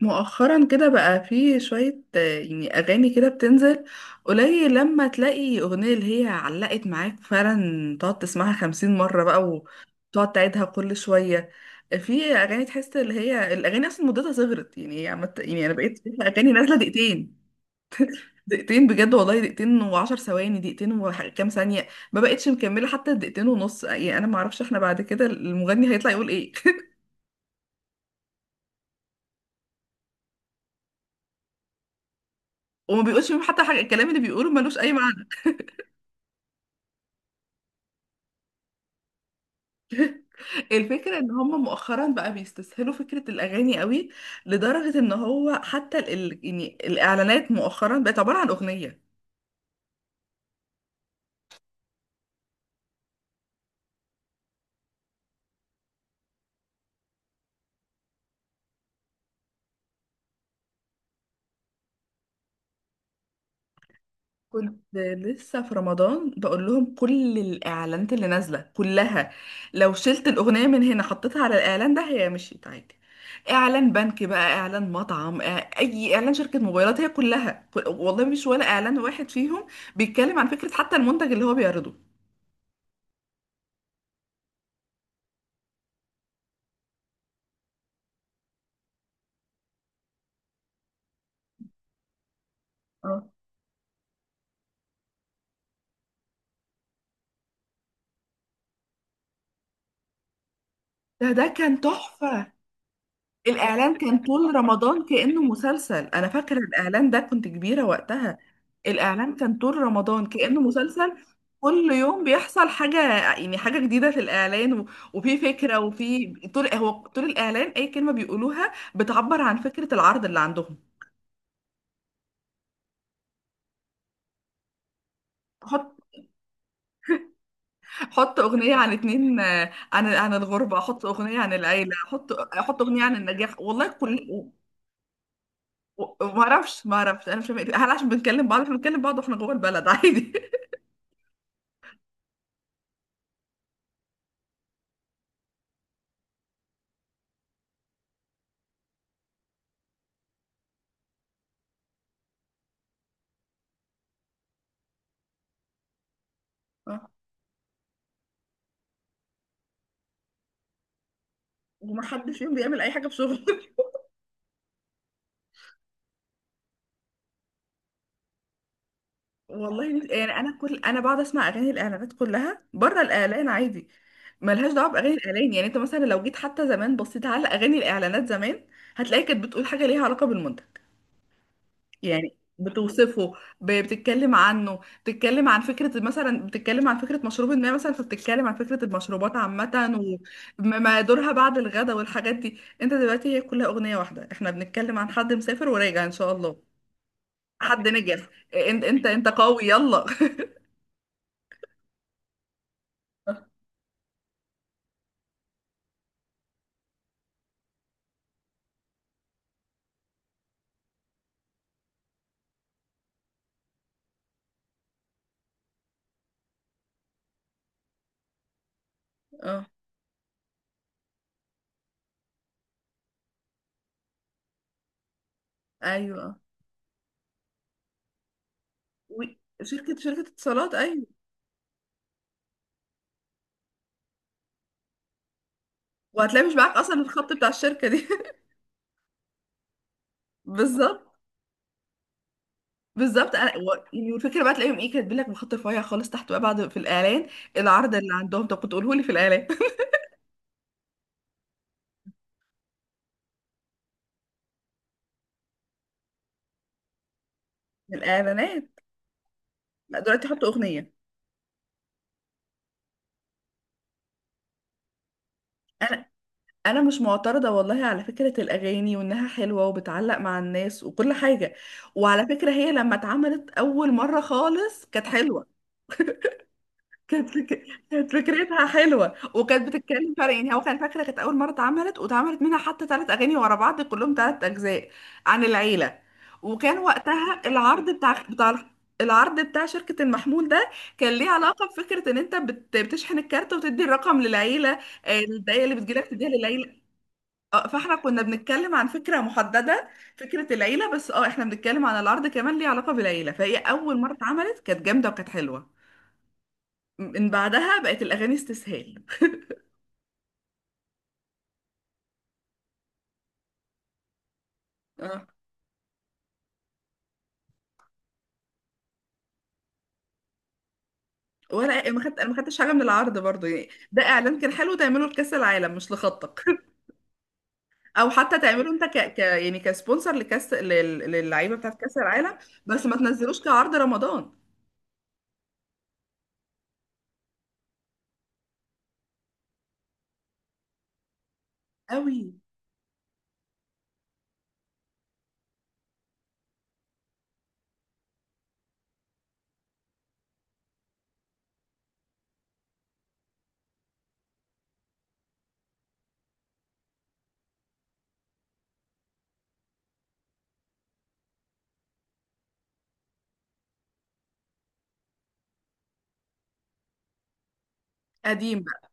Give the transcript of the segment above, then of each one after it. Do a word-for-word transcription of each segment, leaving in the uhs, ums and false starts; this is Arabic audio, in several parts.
مؤخرا كده بقى في شوية آه، يعني أغاني كده بتنزل قليل. لما تلاقي أغنية اللي هي علقت معاك فعلا تقعد تسمعها خمسين مرة بقى وتقعد تعيدها كل شوية. في أغاني تحس اللي هي الأغاني أصلا مدتها صغرت، يعني هي عمت، يعني أنا بقيت شايفة أغاني نازلة دقيقتين. دقيقتين بجد والله، دقيقتين وعشر ثواني، دقيقتين وكام ثانية. ما بقتش مكملة حتى دقيقتين ونص، يعني أنا معرفش احنا بعد كده المغني هيطلع يقول ايه وما بيقولش فيهم حتى حاجة، الكلام اللي بيقوله ملوش أي. الفكرة ان هم مؤخرا بقى بيستسهلوا فكرة الاغاني قوي، لدرجة ان هو حتى ال... ال- يعني الاعلانات مؤخرا بقت عبارة عن اغنية. كنت لسه في رمضان بقول لهم كل الاعلانات اللي نازلة كلها، لو شلت الاغنية من هنا حطيتها على الاعلان ده هي مشيت عادي. اعلان بنك بقى، اعلان مطعم آه، اي اعلان شركة موبايلات، هي كلها كل... والله مش ولا اعلان واحد فيهم بيتكلم عن فكرة حتى المنتج اللي هو بيعرضه. اه، ده ده كان تحفة. الإعلان كان طول رمضان كأنه مسلسل، أنا فاكرة الإعلان ده كنت كبيرة وقتها. الإعلان كان طول رمضان كأنه مسلسل، كل يوم بيحصل حاجة، يعني حاجة جديدة في الإعلان و- وفي فكرة وفي طول، هو طول الإعلان أي كلمة بيقولوها بتعبر عن فكرة العرض اللي عندهم. حط حط أغنية عن اتنين آه، عن عن الغربة، حط أغنية عن العيلة، حط حط أغنية عن النجاح، والله كل و- و- ما اعرفش، ما اعرفش انا مش فاهمه إيه. هل عشان بنتكلم بعض؟ احنا بنتكلم بعض واحنا جوه البلد عادي. ومحدش فيهم بيعمل اي حاجه في شغله. والله نفسي- يعني انا كل انا بقعد اسمع اغاني الاعلانات كلها بره الاعلان عادي، ملهاش دعوه باغاني الاعلان. يعني انت مثلا لو جيت حتى زمان بصيت على اغاني الاعلانات زمان هتلاقي كانت بتقول حاجه ليها علاقه بالمنتج، يعني بتوصفه، ب- بتتكلم عنه، بتتكلم عن فكره، مثلا بتتكلم عن فكره مشروب ما مثلا، فبتتكلم عن فكره المشروبات عامه وما دورها بعد الغداء والحاجات دي. انت دلوقتي هي كلها اغنيه واحده، احنا بنتكلم عن حد مسافر وراجع ان شاء الله، حد نجح، انت انت انت قوي يلا. اه، ايوه، و- شركة شركة اتصالات، ايوه. وهتلاقي مش معاك اصلا الخط بتاع الشركة دي. بالظبط، بالظبط. انا و- يعني والفكره بقى تلاقيهم ايه كاتبين لك بخط رفيع خالص تحت بقى بعد في الاعلان العرض اللي عندهم، طب كنت قوله لي في الاعلان. الاعلانات. لا دلوقتي حطوا اغنيه. انا انا مش معترضه والله على فكره الاغاني وانها حلوه وبتعلق مع الناس وكل حاجه، وعلى فكره هي لما اتعملت اول مره خالص كانت حلوه. كانت فك... كانت فكرتها حلوة وكانت بتتكلم فعلا، يعني هو كان فاكرة كانت أول مرة اتعملت، واتعملت منها حتى ثلاث أغاني ورا بعض، كلهم ثلاث أجزاء عن العيلة. وكان وقتها العرض بتاع بتاع العرض بتاع شركة المحمول ده كان ليه علاقة بفكرة إن أنت بت... بتشحن الكارت وتدي الرقم للعيلة. آه، الدقايق اللي بتجيلك تديها للعيلة. اه، فاحنا كنا بنتكلم عن فكرة محددة، فكرة العيلة. بس اه احنا بنتكلم عن العرض كمان ليه علاقة بالعيلة، فهي أول مرة اتعملت كانت جامدة وكانت حلوة. من بعدها بقت الاغاني استسهال. اه، ولا ما خدت، انا ما خدتش حاجه من العرض برضو، يعني ده اعلان كان حلو تعمله لكاس العالم مش لخطك. او حتى تعمله انت ك... ك... يعني كسبونسر لكاس لل... للعيبه بتاعت كاس العالم، بس ما تنزلوش كعرض رمضان. قوي. قديم بقى.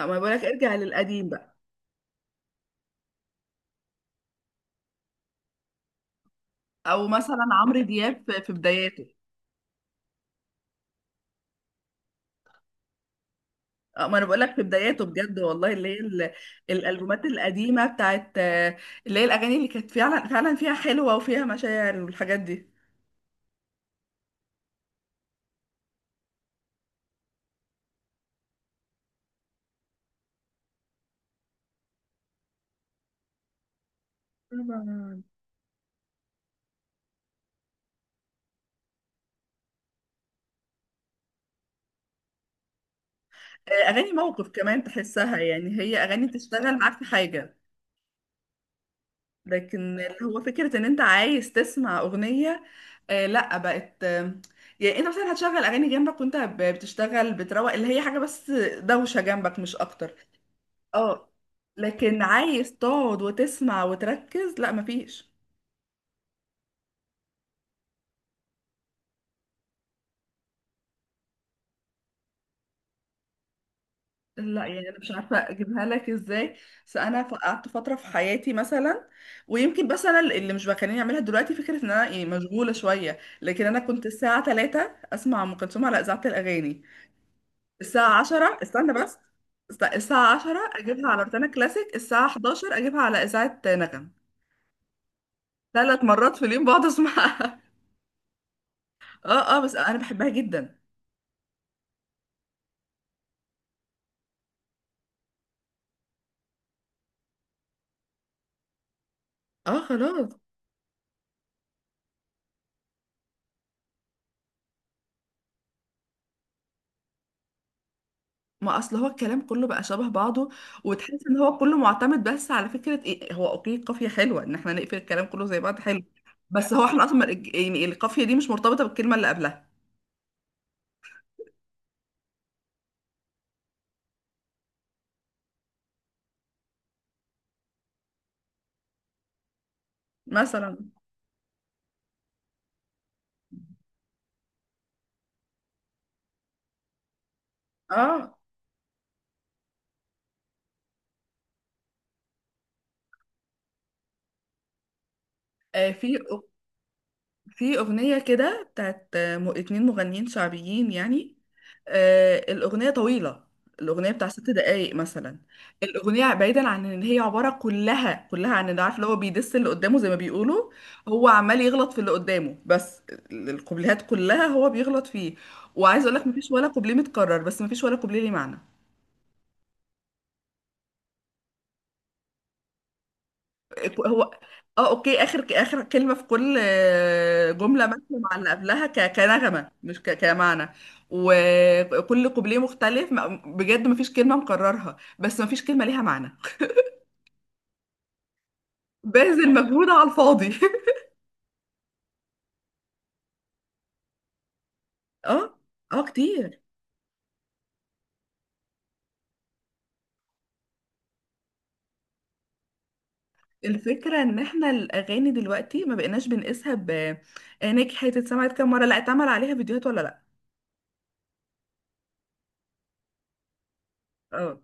أو ما بقولك ارجع للقديم بقى. او مثلا عمرو دياب في في بداياته. أو ما انا بقولك في بداياته بجد والله، اللي هي ال- الالبومات القديمه بتاعت آه، اللي هي الاغاني اللي كانت فعلا فعلا فيها حلوه وفيها مشاعر والحاجات دي. طبعا. اغاني موقف كمان تحسها، يعني هي اغاني تشتغل معاك في حاجه، لكن اللي هو فكره ان انت عايز تسمع اغنيه آه لا، بقت آه، يعني انت مثلا هتشغل اغاني جنبك وانت ب- بتشتغل بتروق، اللي هي حاجه بس دوشه جنبك مش اكتر. اه. لكن عايز تقعد وتسمع وتركز، لا مفيش. لا يعني انا مش عارفه اجيبها لك ازاي، بس انا ف- قعدت فتره في حياتي مثلا، ويمكن بس انا اللي مش بخليني اعملها دلوقتي فكره ان انا يعني مشغوله شويه. لكن انا كنت الساعه ثلاثة اسمع ام كلثوم على اذاعه الاغاني، الساعه عشرة استنى بس است- الساعه عشرة اجيبها على روتانا كلاسيك، الساعه حداشر اجيبها على اذاعه نغم، ثلاث مرات في اليوم بقعد اسمعها. اه اه، بس انا بحبها جدا. اه خلاص. ما اصل هو الكلام كله بقى شبه بعضه، وتحس ان هو كله معتمد بس على فكره ايه، هو اوكي القافيه حلوه ان احنا نقفل الكلام كله زي بعض حلو، بس هو احنا اصلا ما- يعني القافيه دي مش مرتبطه بالكلمه اللي قبلها. مثلا اه آه، في في أغنية كده بتاعت م- اتنين مغنيين شعبيين يعني، آه، الأغنية طويلة، الأغنية بتاع ست دقايق مثلا. الأغنية بعيدا عن إن هي عبارة كلها كلها عن إن عارف اللي هو بيدس اللي قدامه زي ما بيقولوا، هو عمال يغلط في اللي قدامه بس. ال- الكوبليهات كلها هو بيغلط فيه، وعايز أقول لك مفيش ولا كوبليه متكرر بس مفيش ولا كوبليه ليه معنى. هو اه اوكي، اخر اخر كلمه في كل آه، جمله ماشيه مع اللي قبلها ك- كنغمه، مش ك- كمعنى، وكل قبليه مختلف ما- بجد مفيش كلمه مكررها، بس مفيش كلمه ليها معنى. باذل مجهود على الفاضي. اه اه كتير. الفكره ان احنا الاغاني دلوقتي ما بقيناش بنقيسها ب آه، نجحت، اتسمعت كام مره، لا اتعمل عليها فيديوهات ولا لا. اه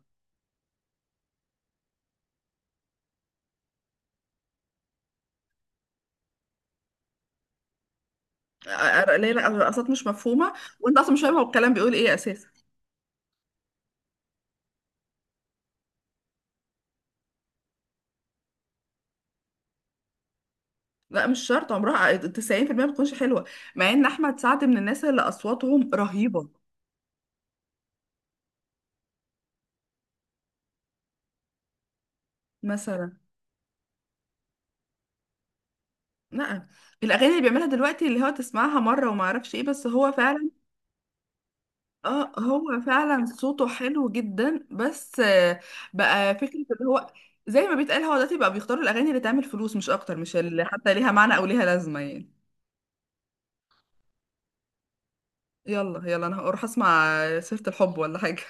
آه، ليه لا، الرقصات مش مفهومه وانت اصلا مش فاهمه هو الكلام بيقول ايه اساسا. لا مش شرط، عمرها تسعين في المية ما بتكونش حلوة، مع ان احمد سعد من الناس اللي اصواتهم رهيبة. مثلا لا، الاغاني اللي بيعملها دلوقتي اللي هو تسمعها مرة وما اعرفش ايه، بس هو فعلا اه، هو فعلا صوته حلو جدا. بس آه، بقى فكرة اللي هو زي ما بيتقال، هو دلوقتي بقى بيختاروا الاغاني اللي تعمل فلوس مش اكتر، مش اللي حتى ليها معنى او ليها لازمة يعني. يلا يلا انا هروح اسمع سيرة الحب ولا حاجة.